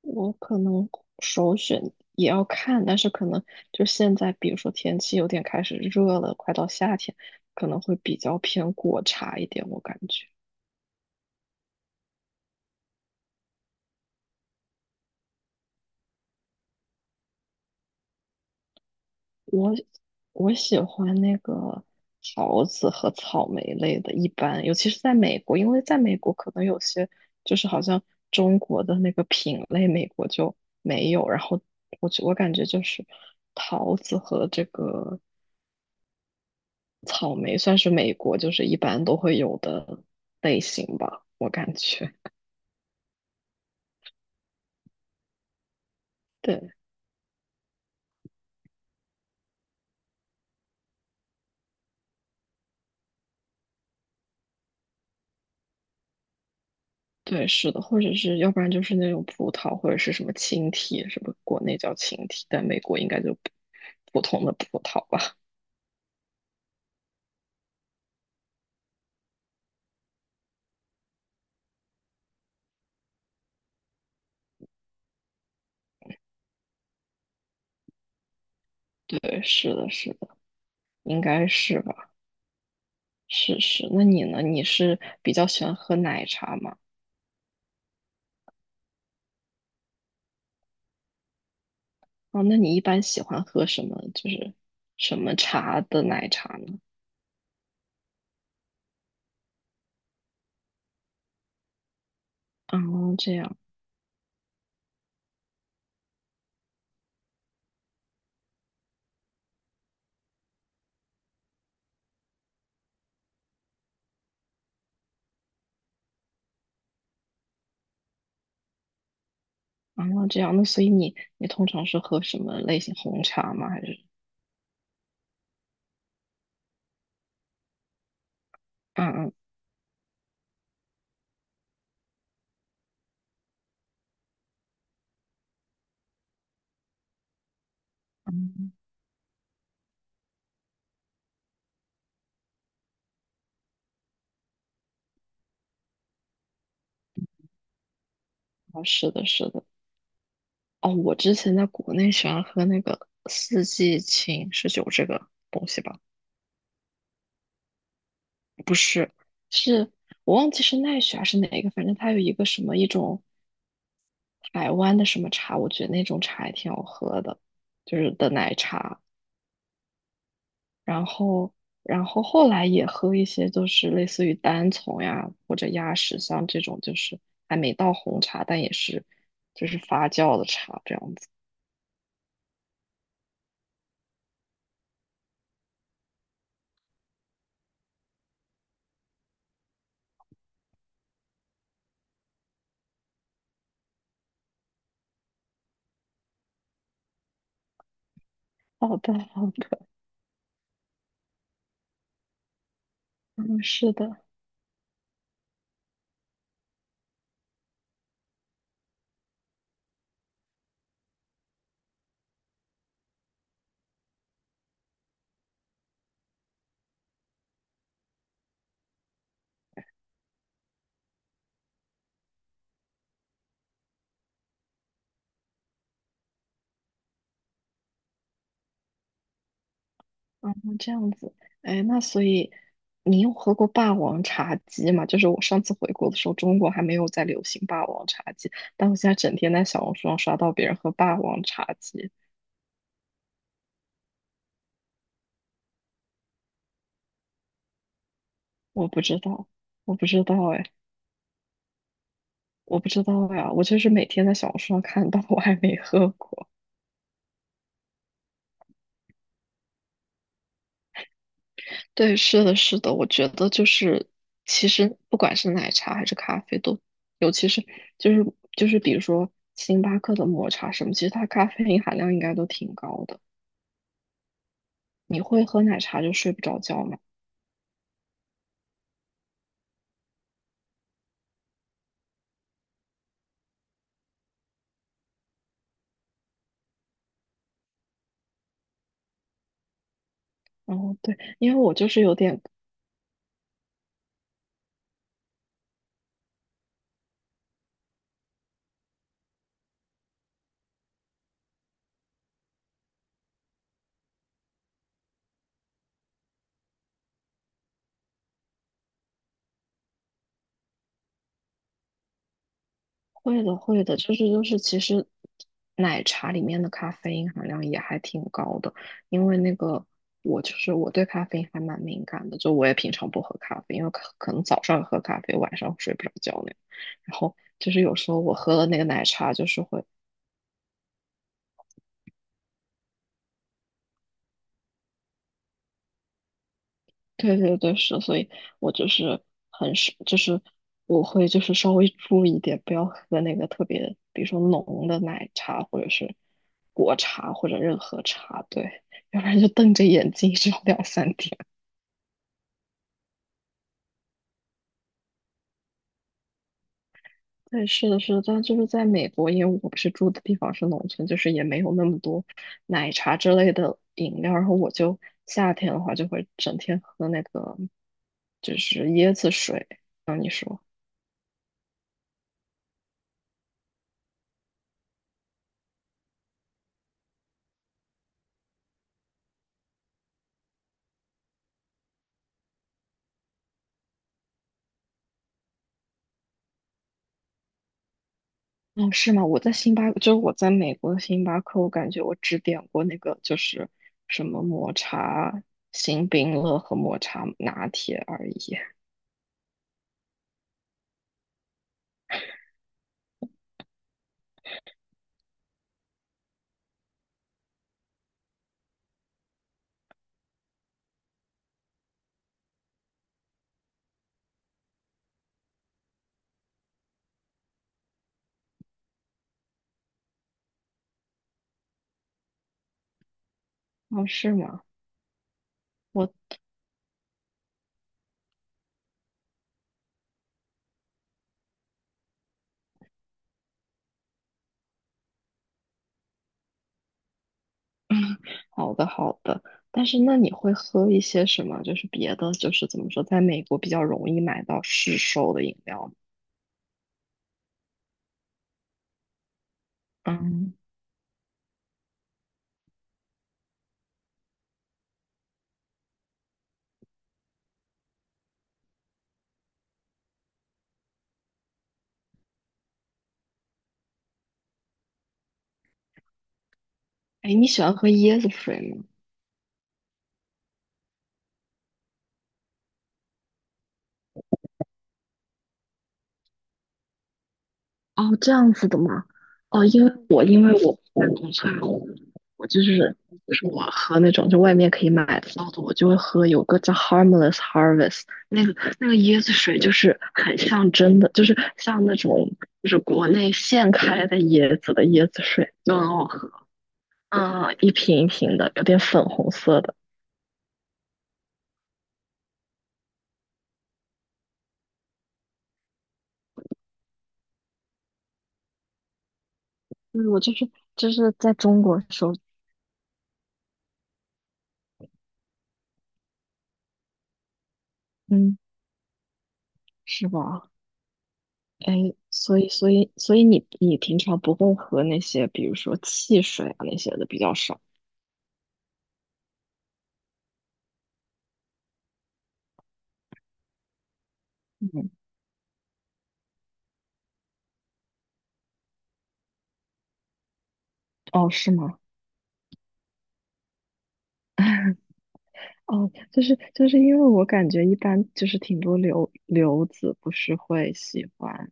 我可能首选也要看，但是可能就现在，比如说天气有点开始热了，快到夏天，可能会比较偏果茶一点。我感觉我我喜欢那个桃子和草莓类的，一般，尤其是在美国，因为在美国可能有些就是好像中国的那个品类，美国就没有。然后我感觉就是桃子和这个。草莓算是美国就是一般都会有的类型吧，我感觉。对对，是的，或者是要不然就是那种葡萄，或者是什么青提，什么国内叫青提，但美国应该就普通的葡萄吧。对，是的，是的，应该是吧？是是。那你呢？你是比较喜欢喝奶茶吗？哦，那你一般喜欢喝什么？就是什么茶的奶茶呢？哦，这样。啊，这样，那所以你通常是喝什么类型红茶吗？还是嗯嗯嗯，哦，是的，是的。哦，我之前在国内喜欢喝那个四季青是有这个东西吧？不是，是我忘记是奈雪还是哪一个，反正它有一个什么一种台湾的什么茶，我觉得那种茶也挺好喝的，就是的奶茶。然后，然后后来也喝一些，就是类似于单丛呀或者鸭屎香这种，就是还没到红茶，但也是就是发酵的茶这样子。好的，好的，嗯是的，嗯，这样子。哎，那所以你有喝过霸王茶姬吗？就是我上次回国的时候，中国还没有在流行霸王茶姬，但我现在整天在小红书上刷到别人喝霸王茶姬，我不知道，我不知道哎。我不知道呀，我就是每天在小红书上看到，我还没喝过。对，是的，是的，我觉得就是，其实不管是奶茶还是咖啡都，尤其是就是就是比如说星巴克的抹茶什么，其实它咖啡因含量应该都挺高的。你会喝奶茶就睡不着觉嘛？然后对，因为我就是有点会的，会的，就是就是，其实奶茶里面的咖啡因含量也还挺高的，因为那个我就是我对咖啡因还蛮敏感的，就我也平常不喝咖啡，因为可能早上喝咖啡，晚上睡不着觉那样。然后就是有时候我喝了那个奶茶，就是会对对对，是，所以我就是很是，就是我会就是稍微注意一点，不要喝那个特别，比如说浓的奶茶或者是果茶或者任何茶，对，要不然就瞪着眼睛有两三天。对，是的，是的，但就是在美国，因为我不是住的地方是农村，就是也没有那么多奶茶之类的饮料，然后我就夏天的话就会整天喝那个就是椰子水。啊，你说。哦，是吗？我在星巴克就是我在美国的星巴克，我感觉我只点过那个就是什么抹茶星冰乐和抹茶拿铁而已。哦，是吗？我好的好的，但是那你会喝一些什么？就是别的，就是怎么说，在美国比较容易买到市售的饮料吗嗯，哎，你喜欢喝椰子水吗？哦，这样子的吗？哦，因为我不在农村，我就是就是我喝那种就外面可以买得到的，我就会喝有个叫 Harmless Harvest 那个那个椰子水，就是很像真的，就是像那种就是国内现开的椰子的椰子水，就很好喝。嗯，一瓶一瓶的，有点粉红色的。嗯，我就是就是在中国的时候，嗯，是吧？哎，所以你平常不会喝那些，比如说汽水啊那些的比较少。嗯，哦，是吗？哦，就是就是因为我感觉一般就是挺多留子不是会喜欢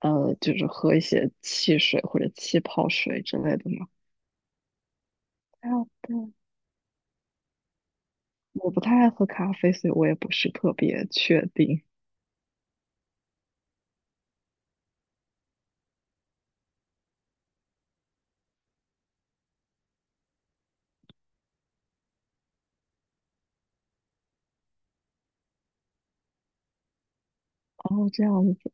就是喝一些汽水或者气泡水之类的吗？啊，对，我不太爱喝咖啡，所以我也不是特别确定。哦，这样子，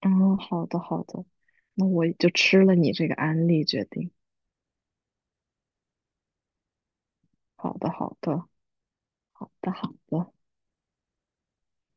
嗯，好的好的，那我就吃了你这个安利决定。好的好的好的好的。